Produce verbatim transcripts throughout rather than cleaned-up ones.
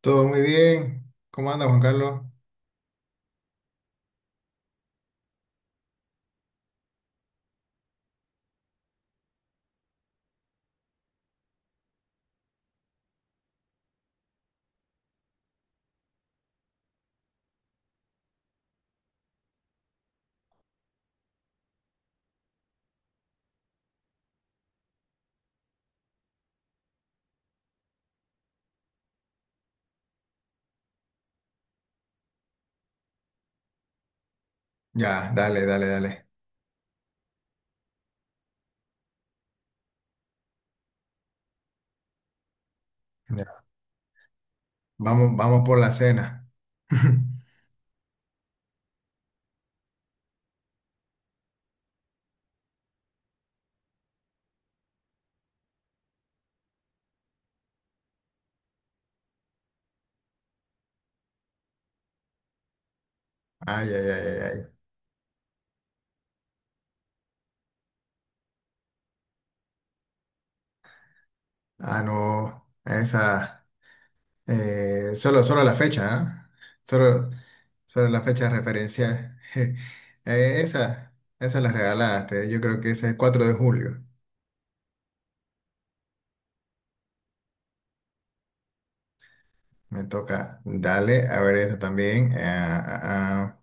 Todo muy bien. ¿Cómo anda, Juan Carlos? Ya, dale, dale, dale. Ya. Vamos, vamos por la cena. Ay, ay, ay, ay, ay. Ah, no. Esa. eh, solo, solo la fecha, ¿ah? Solo, solo la fecha referencial. Eh, esa, esa la regalaste. Yo creo que esa es cuatro de julio. Me toca. Dale, a ver esa también. Ah, ah, ah.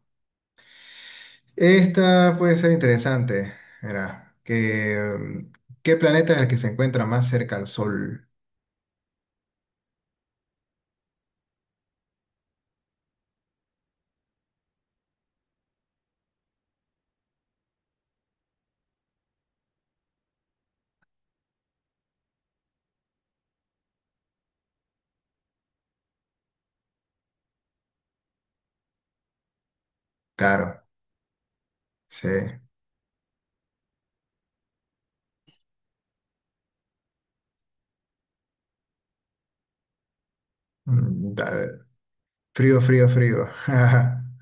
Esta puede ser interesante. Era que, mm, ¿qué planeta es el que se encuentra más cerca al Sol? Claro, sí. Mm, da- Frío, frío, frío.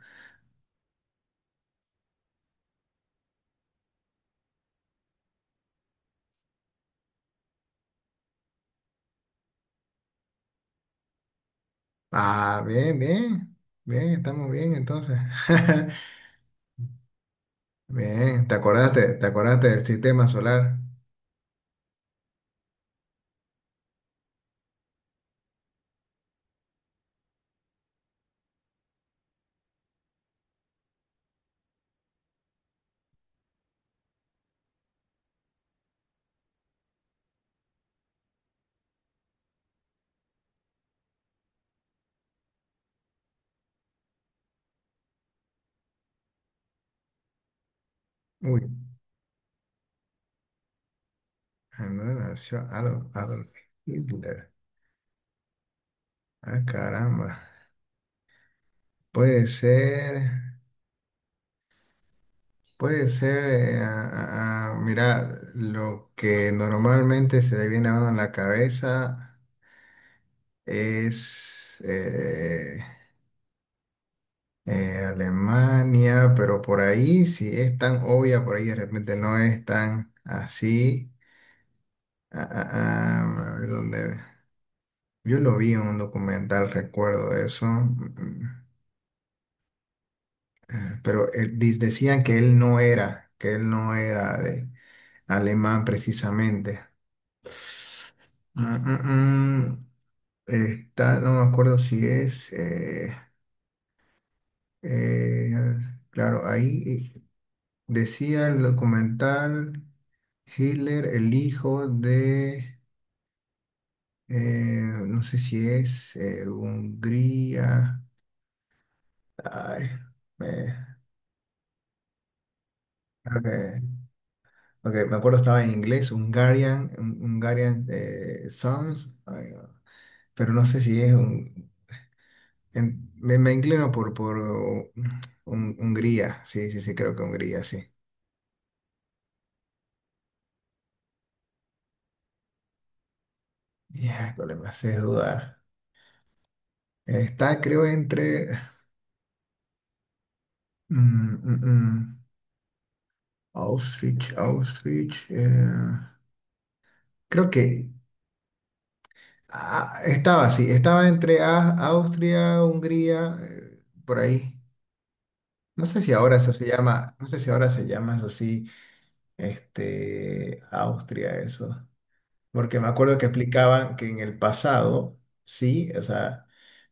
Ah, bien, bien. Bien, estamos bien entonces. Bien, ¿te acordaste? ¿Te acordaste del sistema solar? Uy, ¿en dónde nació Adolf, Adolf Hitler? Ah, caramba. Puede ser. Puede ser, eh, a- a- a- mira, lo que normalmente se le viene a uno en la cabeza es eh, eh, Alemania, pero por ahí si es tan obvia, por ahí de repente no es tan así. Ah, ah, ah, a ver dónde. Yo lo vi en un documental, recuerdo eso, mm, mm, eh, pero él- dis- decían que él no era, que él no era de alemán precisamente. Mm, mm, mm. Está, no me acuerdo si es. eh, eh, claro, ahí eh, decía el documental Hitler, el hijo de. eh, no sé si es eh, Hungría. Ay, eh, creo que- ok, me acuerdo estaba en inglés, Hungarian, Hungarian eh, Sons, ay, pero no sé si es Hungría. En- me, me inclino por, por uh, Hun- Hungría, sí, sí, sí, creo que Hungría, sí. Ya, cuál me haces dudar. Está, creo, entre mm, mm, mm, Auschwitz, Auschwitz. Eh, creo que ah, estaba, sí, estaba entre A- Austria, Hungría, eh, por ahí. No sé si ahora eso se llama, no sé si ahora se llama eso sí, este, Austria, eso. Porque me acuerdo que explicaban que en el pasado, sí, o sea,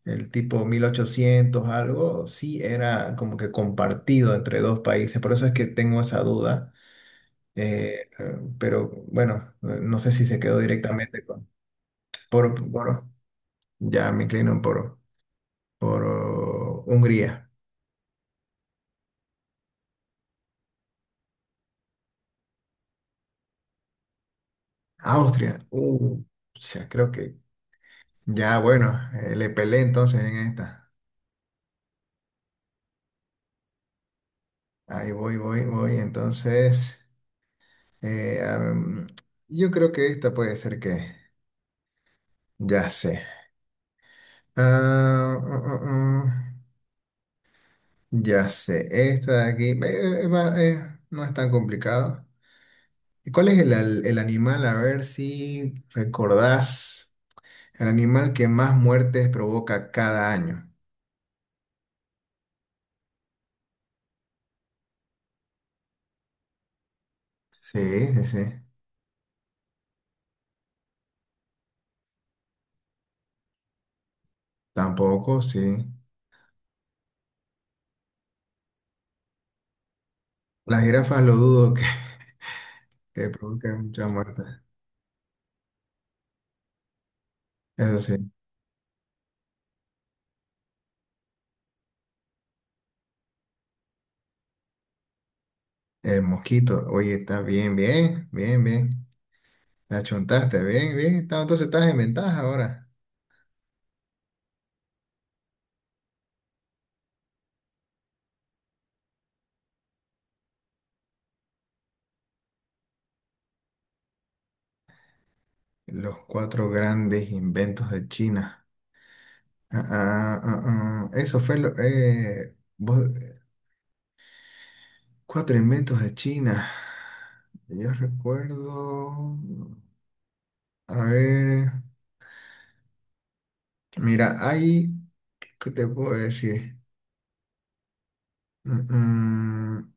el tipo mil ochocientos algo, sí era como que compartido entre dos países. Por eso es que tengo esa duda. eh, eh, pero bueno, eh, no sé si se quedó directamente con, por, por- ya me inclino por, por oh, Hungría. Austria, uh, ya creo que, ya bueno, eh, le pelé entonces en esta. Ahí voy, voy, voy, entonces. Eh, am, yo creo que esta puede ser que... Ya sé. Ah, mm, mm, mm. ya sé. Esta de aquí eh, eh, va, eh, no es tan complicado. ¿Y cuál es el, al- el animal? A ver si recordás. El animal que más muertes provoca cada año. Sí, sí, sí. Tampoco, sí. Las jirafas lo dudo que, que provoquen muchas muertes. Eso sí. El mosquito. Oye, está bien, bien, bien, bien. La chuntaste, bien, bien. está- Entonces estás en ventaja ahora. Los cuatro grandes inventos de China. Ah, ah, ah, ah. Eso fue lo... eh, vos- cuatro inventos de China. Yo recuerdo... A ver... Mira, hay... ¿Qué te puedo decir? Mm, mm,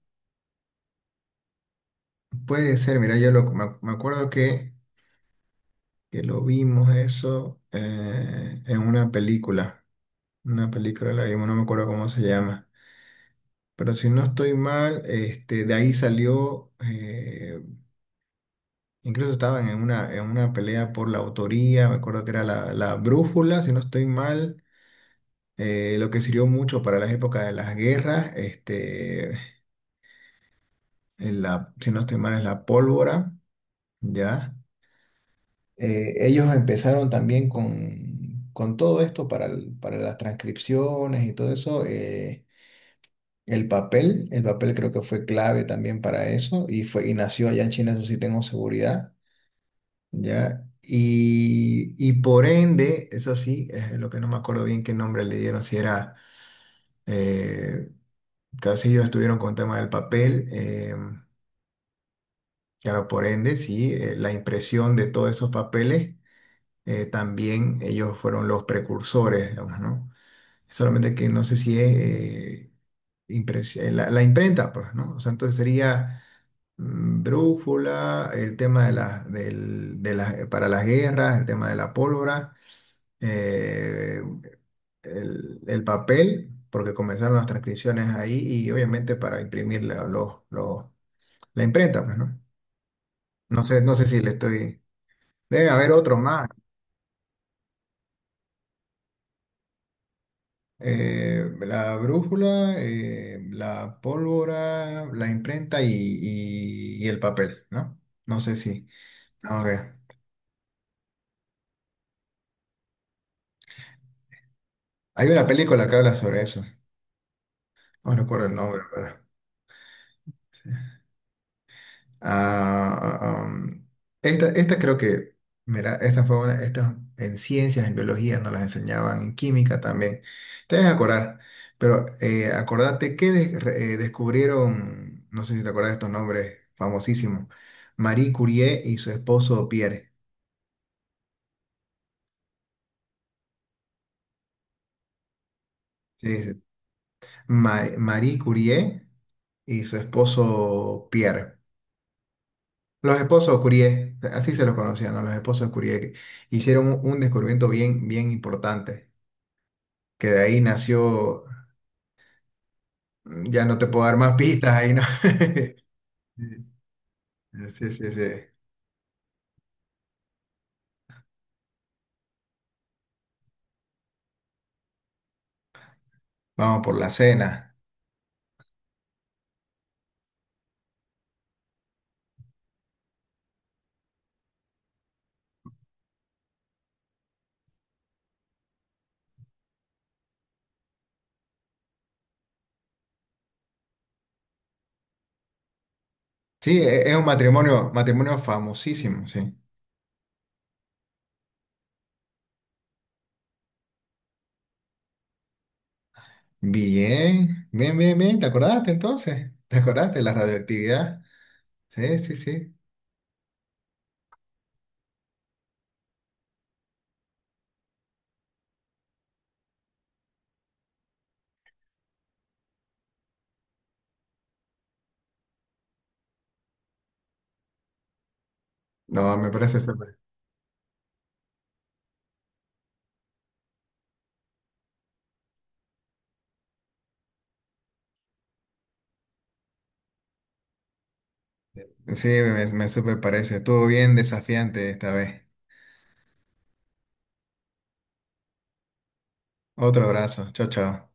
puede ser, mira, yo lo, me, me acuerdo que, que lo vimos eso eh, en una película. Una película la vimos, no me acuerdo cómo se llama. Pero si no estoy mal, este, de ahí salió, eh, incluso estaban en una, en una pelea por la autoría, me acuerdo que era la, la brújula, si no estoy mal, eh, lo que sirvió mucho para las épocas de las guerras, este, en la, si no estoy mal, es la pólvora, ¿ya? Eh, ellos empezaron también con, con todo esto para, el- para las transcripciones y todo eso. eh, El papel, el papel creo que fue clave también para eso y fue y nació allá en China, eso sí tengo seguridad, ¿ya? Y, y por ende, eso sí, es lo que no me acuerdo bien qué nombre le dieron, si era, eh, claro, si ellos estuvieron con el tema del papel, eh, claro, por ende, sí, eh, la impresión de todos esos papeles, eh, también ellos fueron los precursores, digamos, ¿no? Solamente que no sé si es... eh, impres- eh, la, la imprenta, pues, ¿no? O sea, entonces sería mm, drújula, el tema de las del- de las- para las guerras, el tema de la pólvora, eh, el, el papel, porque comenzaron las transcripciones ahí y obviamente para imprimir la, lo- lo- la imprenta, pues, ¿no? No sé, no sé si le estoy... Debe haber otro más. Eh, la brújula, eh, la pólvora, la imprenta y, y- y el papel, ¿no? No sé si... ok. Hay una película que habla sobre eso. No recuerdo el nombre, pero sí. Ah, ah, um, esta, esta creo que, mira, esta fue una, estas en ciencias, en biología, nos las enseñaban, en química también. Te debes acordar, pero eh, acordate que de- re- eh, descubrieron, no sé si te acuerdas de estos nombres famosísimos, Marie Curie y su esposo Pierre. Sí, sí. Ma- Marie Curie y su esposo Pierre. Los esposos Curie, así se los conocían, ¿no? Los esposos Curie que hicieron un un descubrimiento bien, bien importante, que de ahí nació, ya no te puedo dar más pistas ahí, ¿no? Sí, sí, sí. Vamos por la cena. Sí, e- es un matrimonio, matrimonio famosísimo, sí. Bien, bien, bien, bien, ¿te acordaste entonces? ¿Te acordaste de la radioactividad? Sí, sí, sí. No, me parece súper. Sí, me, me súper parece. Estuvo bien desafiante esta vez. Otro abrazo. Chao, chao.